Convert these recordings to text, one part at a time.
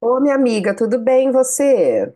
Ô, minha amiga, tudo bem e você?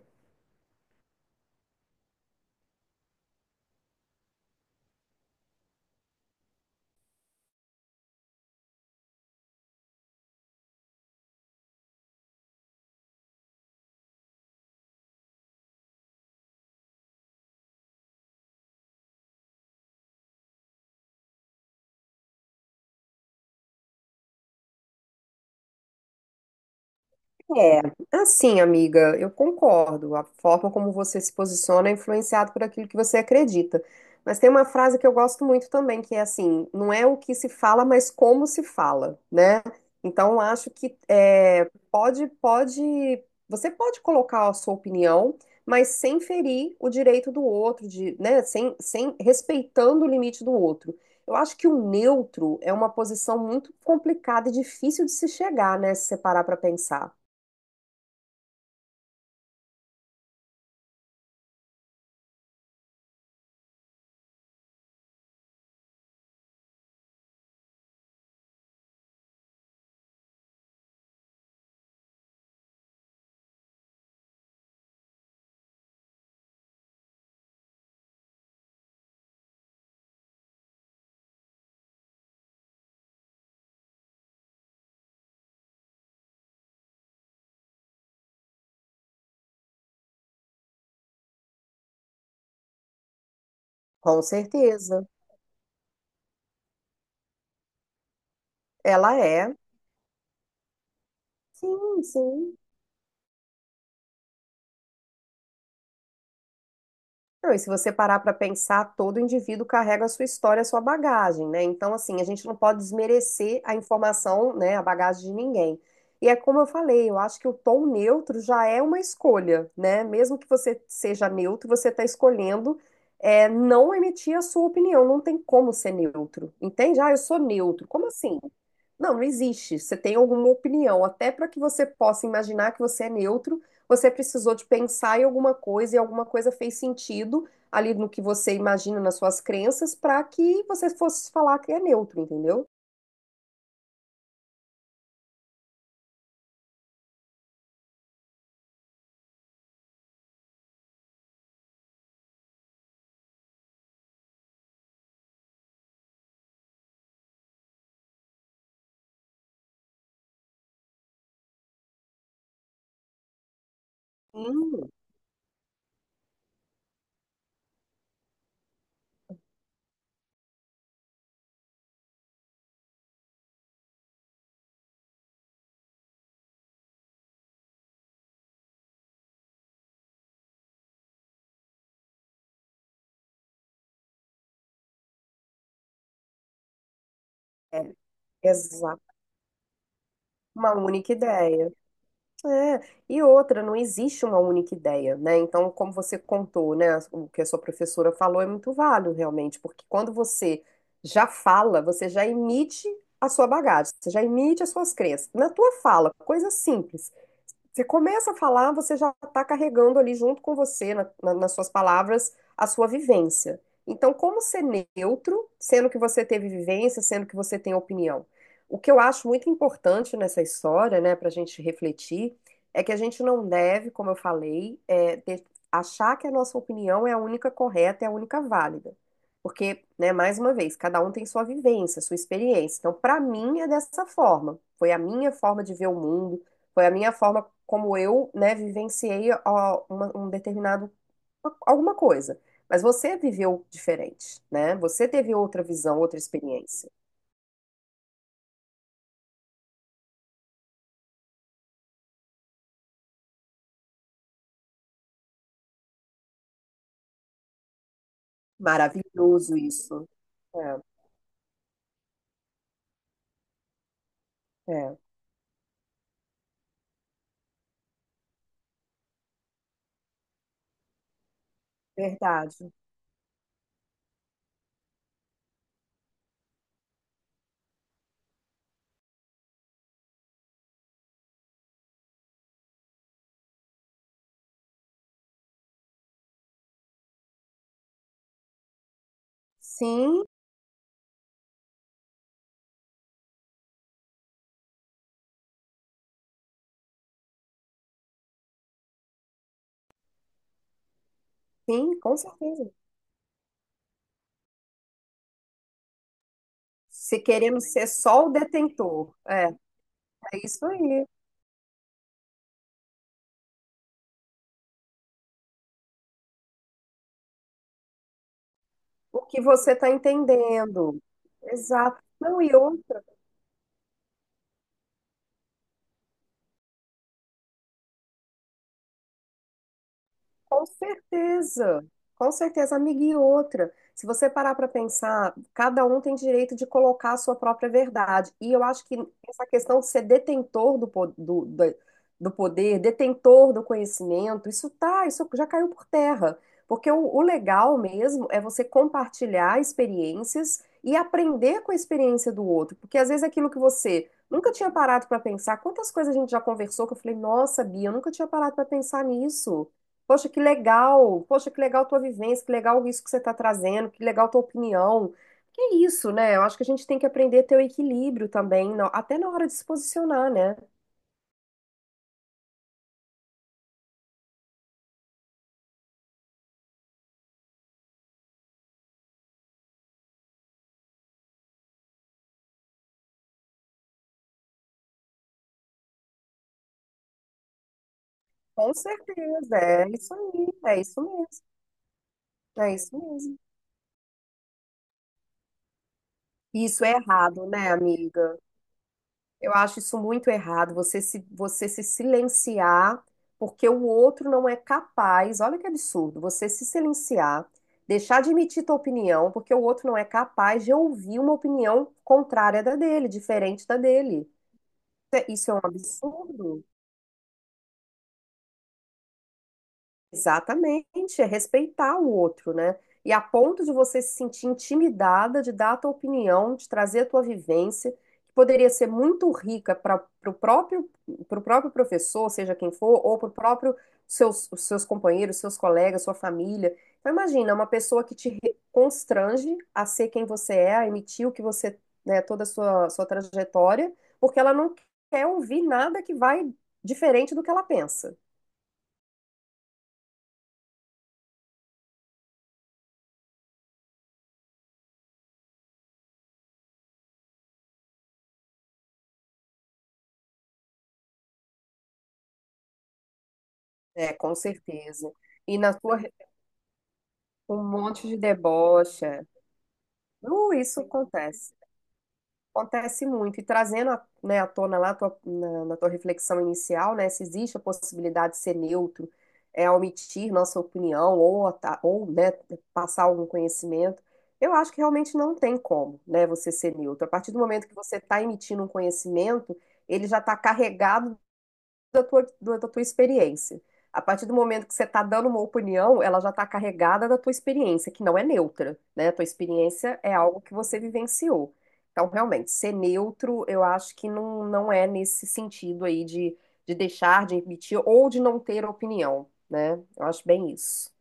É, assim, amiga, eu concordo. A forma como você se posiciona é influenciado por aquilo que você acredita. Mas tem uma frase que eu gosto muito também, que é assim: não é o que se fala, mas como se fala, né? Então, eu acho que é, pode, você pode colocar a sua opinião, mas sem ferir o direito do outro, de, né? Sem, respeitando o limite do outro. Eu acho que o neutro é uma posição muito complicada e difícil de se chegar, né? Se separar para pensar. Com certeza. Ela é. Sim, sim. Não, e se você parar para pensar, todo indivíduo carrega a sua história, a sua bagagem, né? Então, assim, a gente não pode desmerecer a informação, né, a bagagem de ninguém. E é como eu falei, eu acho que o tom neutro já é uma escolha, né? Mesmo que você seja neutro, você está escolhendo é, não emitir a sua opinião. Não tem como ser neutro, entende? Ah, eu sou neutro. Como assim? Não, não existe. Você tem alguma opinião, até para que você possa imaginar que você é neutro. Você precisou de pensar em alguma coisa e alguma coisa fez sentido ali no que você imagina nas suas crenças para que você fosse falar que é neutro, entendeu? Hum, É, exato. Uma única ideia. É. E outra, não existe uma única ideia, né? Então, como você contou, né, o que a sua professora falou é muito válido, realmente, porque quando você já fala, você já emite a sua bagagem, você já emite as suas crenças. Na tua fala, coisa simples. Você começa a falar, você já está carregando ali junto com você, nas suas palavras, a sua vivência. Então, como ser neutro, sendo que você teve vivência, sendo que você tem opinião? O que eu acho muito importante nessa história, né, para a gente refletir, é que a gente não deve, como eu falei, achar que a nossa opinião é a única correta, é a única válida. Porque, né, mais uma vez, cada um tem sua vivência, sua experiência. Então, para mim, é dessa forma. Foi a minha forma de ver o mundo, foi a minha forma como eu, né, vivenciei ó, um determinado alguma coisa. Mas você viveu diferente, né? Você teve outra visão, outra experiência. Maravilhoso isso. É, é, verdade. Sim, sim, com certeza. Se queremos ser só o detentor, é, é isso aí. O que você está entendendo? Exato. Não, e outra. Com certeza, com certeza, amiga. E outra, se você parar para pensar, cada um tem direito de colocar a sua própria verdade. E eu acho que essa questão de ser detentor do poder, detentor do conhecimento, isso tá, isso já caiu por terra. Porque o legal mesmo é você compartilhar experiências e aprender com a experiência do outro. Porque às vezes aquilo que você nunca tinha parado para pensar, quantas coisas a gente já conversou que eu falei, nossa, Bia, eu nunca tinha parado para pensar nisso. Poxa, que legal! Poxa, que legal tua vivência, que legal isso que você está trazendo, que legal tua opinião. Que é isso, né? Eu acho que a gente tem que aprender a ter o equilíbrio também, até na hora de se posicionar, né? Com certeza, é isso aí, é isso mesmo, é isso mesmo. E isso é errado, né, amiga? Eu acho isso muito errado, você se silenciar porque o outro não é capaz. Olha que absurdo, você se silenciar, deixar de emitir tua opinião porque o outro não é capaz de ouvir uma opinião contrária da dele, diferente da dele. Isso é, isso é um absurdo. Exatamente, é respeitar o outro, né? E a ponto de você se sentir intimidada de dar a tua opinião, de trazer a tua vivência, que poderia ser muito rica para o próprio, pro próprio professor, seja quem for, ou para o próprio seus, os seus companheiros, seus colegas, sua família. Então, imagina, uma pessoa que constrange a ser quem você é, a emitir o que você, né, toda a sua trajetória, porque ela não quer ouvir nada que vai diferente do que ela pensa. É, com certeza. E na sua um monte de debocha. Isso acontece. Acontece muito. E trazendo, né, à tona lá a na, na tua reflexão inicial, né, se existe a possibilidade de ser neutro, é omitir nossa opinião ou né, passar algum conhecimento, eu acho que realmente não tem como, né, você ser neutro. A partir do momento que você está emitindo um conhecimento, ele já está carregado da da tua experiência. A partir do momento que você está dando uma opinião, ela já está carregada da tua experiência, que não é neutra, né? A tua experiência é algo que você vivenciou. Então, realmente, ser neutro, eu acho que não, não é nesse sentido aí de deixar de emitir ou de não ter opinião, né? Eu acho bem isso.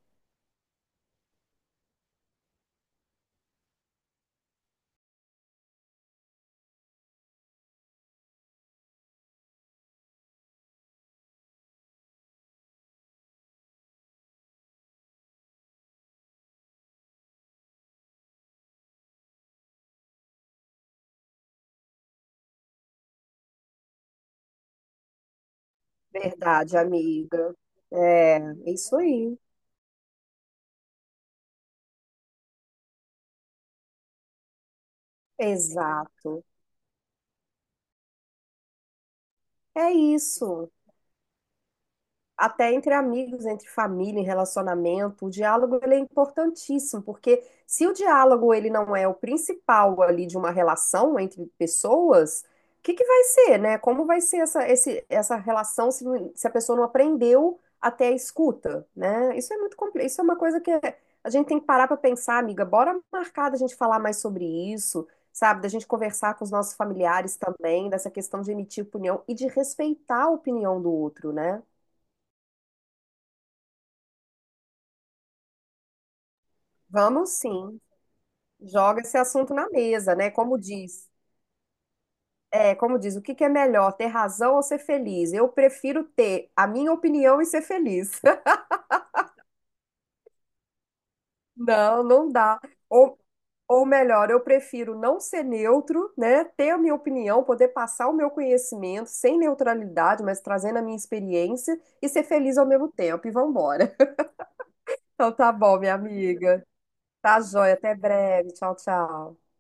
Verdade, amiga. É, é isso aí. Exato. É isso. Até entre amigos, entre família, em relacionamento, o diálogo ele é importantíssimo, porque se o diálogo ele não é o principal ali de uma relação entre pessoas, o que que vai ser, né? Como vai ser essa relação se a pessoa não aprendeu até a escuta, né? Isso é muito complexo, isso é uma coisa que a gente tem que parar para pensar, amiga, bora marcar da gente falar mais sobre isso, sabe? Da gente conversar com os nossos familiares também, dessa questão de emitir opinião e de respeitar a opinião do outro, né? Vamos sim. Joga esse assunto na mesa, né? Como diz, é, como diz, o que que é melhor, ter razão ou ser feliz? Eu prefiro ter a minha opinião e ser feliz. Não, não dá. Ou, ou melhor, eu prefiro não ser neutro, né? Ter a minha opinião, poder passar o meu conhecimento sem neutralidade, mas trazendo a minha experiência e ser feliz ao mesmo tempo. E vambora. Então tá bom, minha amiga. Tá joia. Até breve. Tchau, tchau.